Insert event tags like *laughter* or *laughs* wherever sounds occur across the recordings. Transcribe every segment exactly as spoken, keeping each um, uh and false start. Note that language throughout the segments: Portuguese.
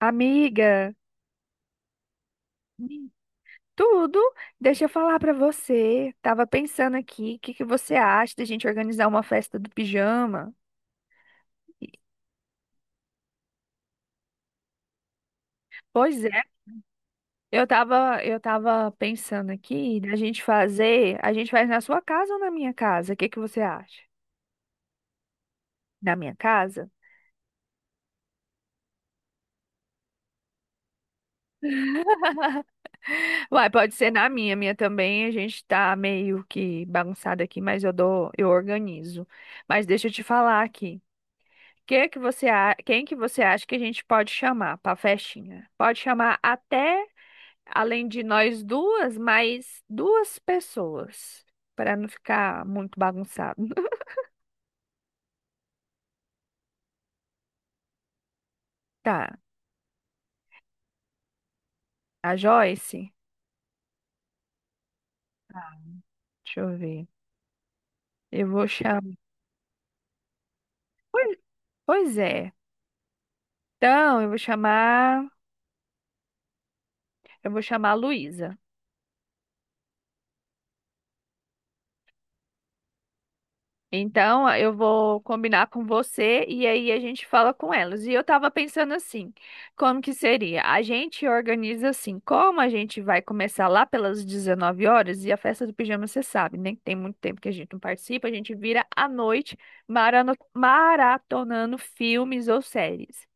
Amiga, tudo. Deixa eu falar pra você. Tava pensando aqui, o que que você acha da gente organizar uma festa do pijama? Pois é, eu tava, eu tava pensando aqui da gente fazer, a gente faz na sua casa ou na minha casa? O que que você acha? Na minha casa? Uai, pode ser na minha, minha também. A gente tá meio que bagunçado aqui, mas eu dou, eu organizo. Mas deixa eu te falar aqui. Que que você, a- quem que você acha que a gente pode chamar para festinha? Pode chamar até, além de nós duas, mais duas pessoas, para não ficar muito bagunçado. *laughs* Tá, a Joyce, deixa eu ver. Eu vou chamar. Pois pois é. Então, eu vou chamar, eu vou chamar a Luísa. Então, eu vou combinar com você e aí a gente fala com elas. E eu tava pensando assim, como que seria? A gente organiza assim, como a gente vai começar lá pelas dezenove horas e a festa do pijama, você sabe, né? Que tem muito tempo que a gente não participa, a gente vira à noite marano- maratonando filmes ou séries.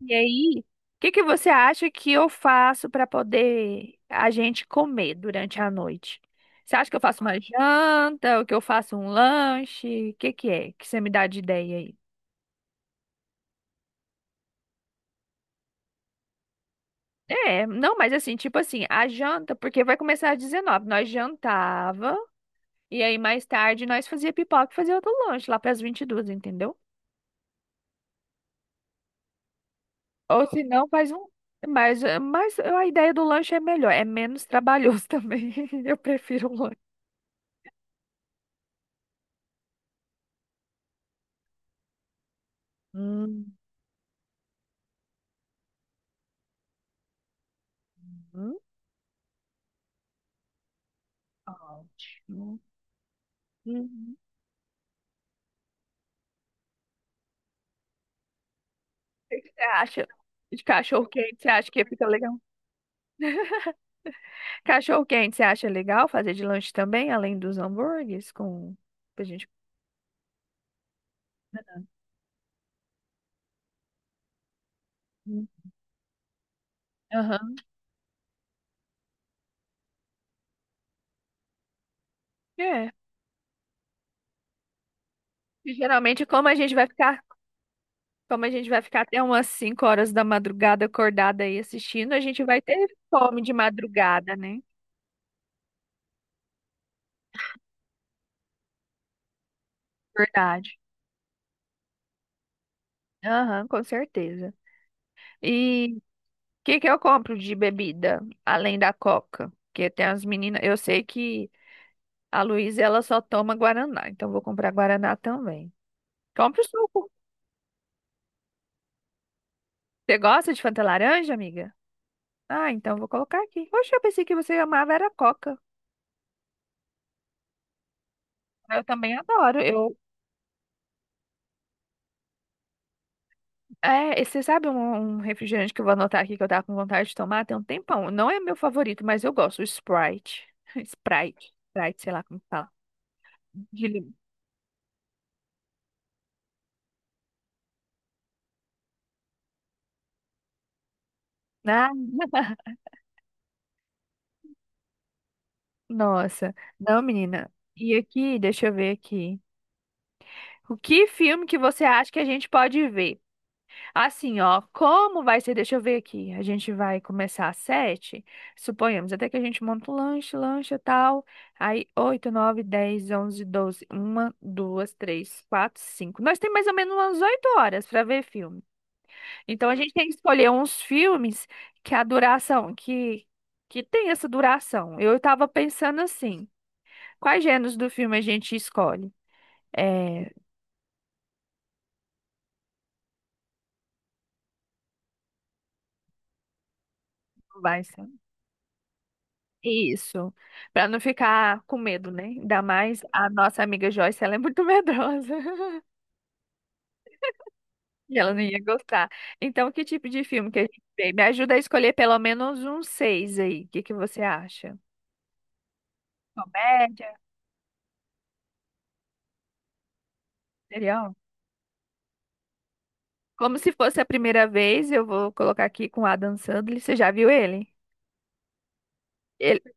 E aí, o que que você acha que eu faço para poder a gente comer durante a noite? Você acha que eu faço uma janta, ou que eu faço um lanche? O que que é? Que você me dá de ideia aí? É, não, mas assim, tipo assim, a janta, porque vai começar às dezenove, nós jantava e aí mais tarde nós fazia pipoca e fazia outro lanche lá para as vinte e duas, entendeu? Ou se não, faz um mas, eh, mas a ideia do lanche é melhor, é menos trabalhoso também. *laughs* Eu prefiro o lanche. Hum. Ótimo. Uhum. O que que você acha de cachorro quente? Você acha que fica legal? Cachorro quente, você acha legal fazer de lanche também, além dos hambúrgueres com pra gente? Hum. Aham. É. E geralmente como a gente vai ficar, como a gente vai ficar até umas cinco horas da madrugada acordada aí assistindo, a gente vai ter fome de madrugada, né? Verdade. Aham, com certeza. E o que que eu compro de bebida além da Coca? Porque tem as meninas, eu sei que a Luísa, ela só toma Guaraná, então vou comprar Guaraná também. Compre o suco. Você gosta de Fanta laranja, amiga? Ah, então vou colocar aqui. Poxa, eu pensei que você amava era Coca. Eu também adoro. Eu, é, você sabe um, um refrigerante que eu vou anotar aqui que eu tava com vontade de tomar tem um tempão. Não é meu favorito, mas eu gosto, o Sprite. *laughs* Sprite. Sprite, sei lá como fala. De lim- Ah, nossa. Não, menina. E aqui, deixa eu ver aqui. O que filme que você acha que a gente pode ver? Assim, ó, como vai ser? Deixa eu ver aqui. A gente vai começar às sete, suponhamos, até que a gente monta o lanche, lancha e tal. Aí, oito, nove, dez, onze, doze, uma, duas, três, quatro, cinco. Nós temos mais ou menos umas oito horas para ver filme. Então, a gente tem que escolher uns filmes que a duração, que, que tem essa duração. Eu estava pensando assim, quais gêneros do filme a gente escolhe? É, vai. Isso, para não ficar com medo, né? Ainda mais a nossa amiga Joyce, ela é muito *laughs* medrosa e ela não ia gostar. Então, que tipo de filme que a gente vê? Me ajuda a escolher pelo menos uns seis aí. O que que você acha? Comédia, serial? Como se fosse a primeira vez, eu vou colocar aqui com Adam Sandler. Você já viu ele? Ele,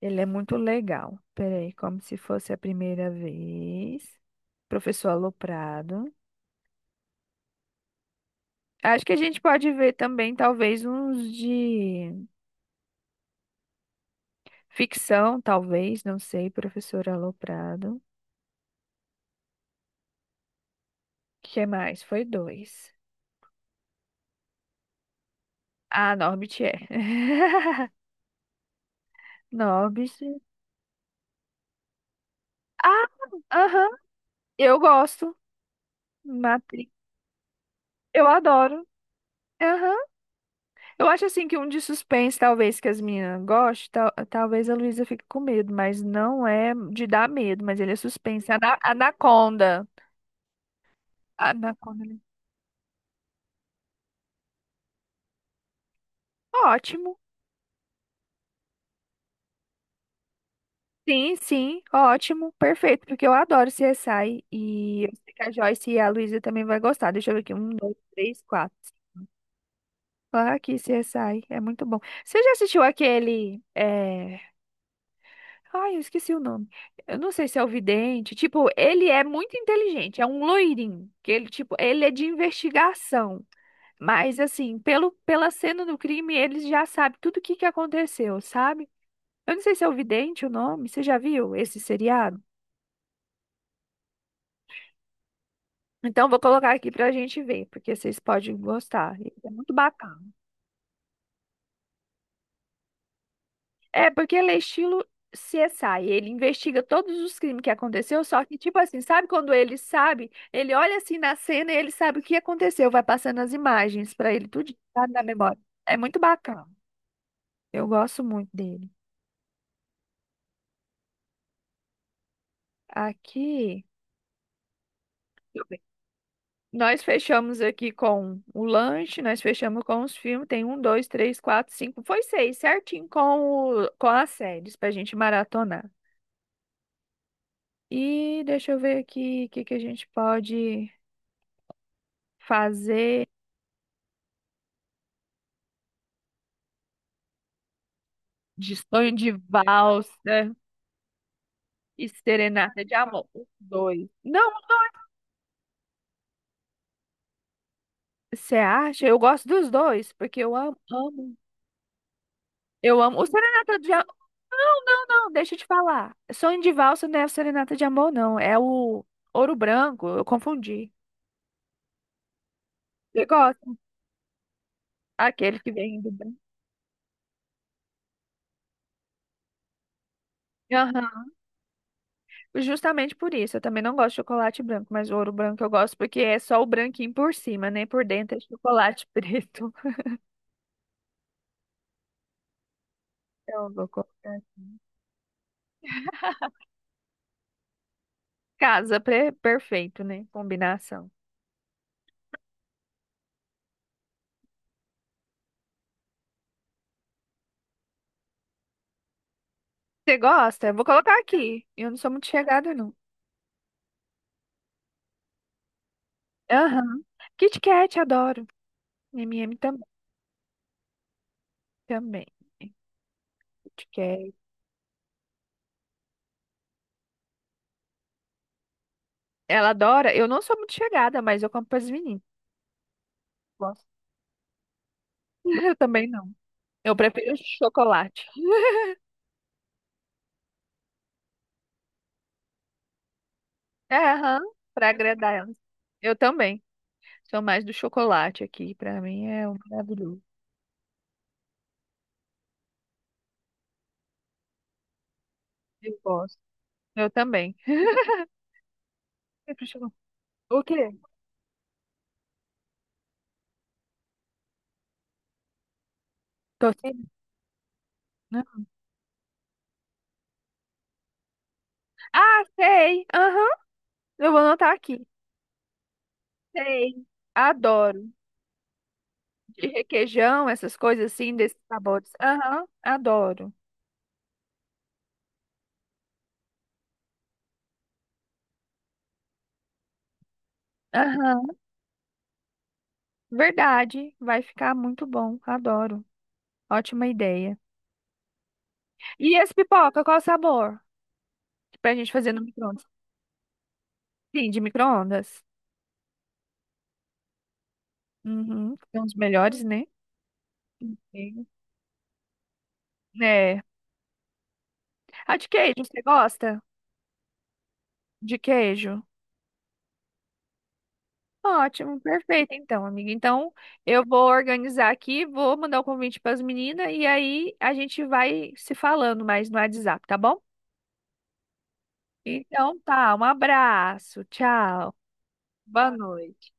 ele é muito legal. Peraí, como se fosse a primeira vez. Professor Aloprado. Acho que a gente pode ver também, talvez, uns de. Ficção, talvez, não sei, professor Aloprado. Que mais? Foi dois. Ah, Norbit é. *laughs* Norbit. Ah, aham. Eu gosto. Matrix. Eu adoro. Aham. Eu acho assim que um de suspense, talvez, que as meninas gostem, tal- talvez a Luísa fique com medo, mas não é de dar medo, mas ele é suspense. Ana- Anaconda. Anaconda, né? Ótimo. Sim, sim, ótimo, perfeito, porque eu adoro C S I e eu sei que a Joyce e a Luísa também vai gostar. Deixa eu ver aqui, um, dois, três, quatro. Ah, aqui, C S I, é muito bom. Você já assistiu aquele, é... Ai, eu esqueci o nome. Eu não sei se é o Vidente, tipo, ele é muito inteligente, é um loirinho, que ele, tipo, ele é de investigação, mas assim, pelo, pela cena do crime, eles já sabem tudo o que que aconteceu, sabe? Eu não sei se é o Vidente o nome, você já viu esse seriado? Então, vou colocar aqui pra gente ver, porque vocês podem gostar. Ele é muito bacana. É, porque ele é estilo C S I. Ele investiga todos os crimes que aconteceu, só que, tipo assim, sabe quando ele sabe? Ele olha assim na cena e ele sabe o que aconteceu. Vai passando as imagens pra ele, tudo sabe, na memória. É muito bacana. Eu gosto muito dele. Aqui, deixa eu ver. Nós fechamos aqui com o lanche, nós fechamos com os filmes. Tem um, dois, três, quatro, cinco. Foi seis, certinho com, o, com as séries pra gente maratonar. E deixa eu ver aqui o que que a gente pode fazer de sonho de valsa e serenata de amor. Os dois. Não, você acha? Eu gosto dos dois, porque eu amo, amo. Eu amo. O serenata de amor. Não, não, não, deixa eu te falar. Sonho de valsa não é o serenata de amor, não. É o ouro branco. Eu confundi. Você gosta? Aquele que vem do branco. Justamente por isso, eu também não gosto de chocolate branco, mas o ouro branco eu gosto porque é só o branquinho por cima, né? Por dentro é chocolate preto. *laughs* Então, eu vou colocar. Casa pre- perfeito, né? Combinação. Você gosta? Eu vou colocar aqui. Eu não sou muito chegada, não. Aham. Kit Kat, adoro. M e M também. Também. Kit Kat. Ela adora. Eu não sou muito chegada, mas eu compro para as meninas. Gosto. *laughs* Eu também não. Eu prefiro chocolate. É, aham, para agradar elas. Eu também. Sou mais do chocolate aqui. Pra mim é um maravilhoso. Eu gosto. Eu também. Sempre chocolate. O quê? Tô sem, né? Ah, sei. Aham. Eu vou anotar aqui. Sei. Adoro. De requeijão, essas coisas assim, desses sabores. Aham. Adoro. Aham. Verdade. Vai ficar muito bom. Adoro. Ótima ideia. E as pipoca, qual o sabor? Pra gente fazer no micro-ondas. Sim, de micro-ondas. Uhum. São os melhores, né? Sim. É. Ah, de queijo, você gosta? De queijo? Ótimo, perfeito, então, amiga. Então, eu vou organizar aqui, vou mandar o convite para as meninas e aí a gente vai se falando mais no WhatsApp, tá bom? Então, tá, um abraço, tchau, boa noite.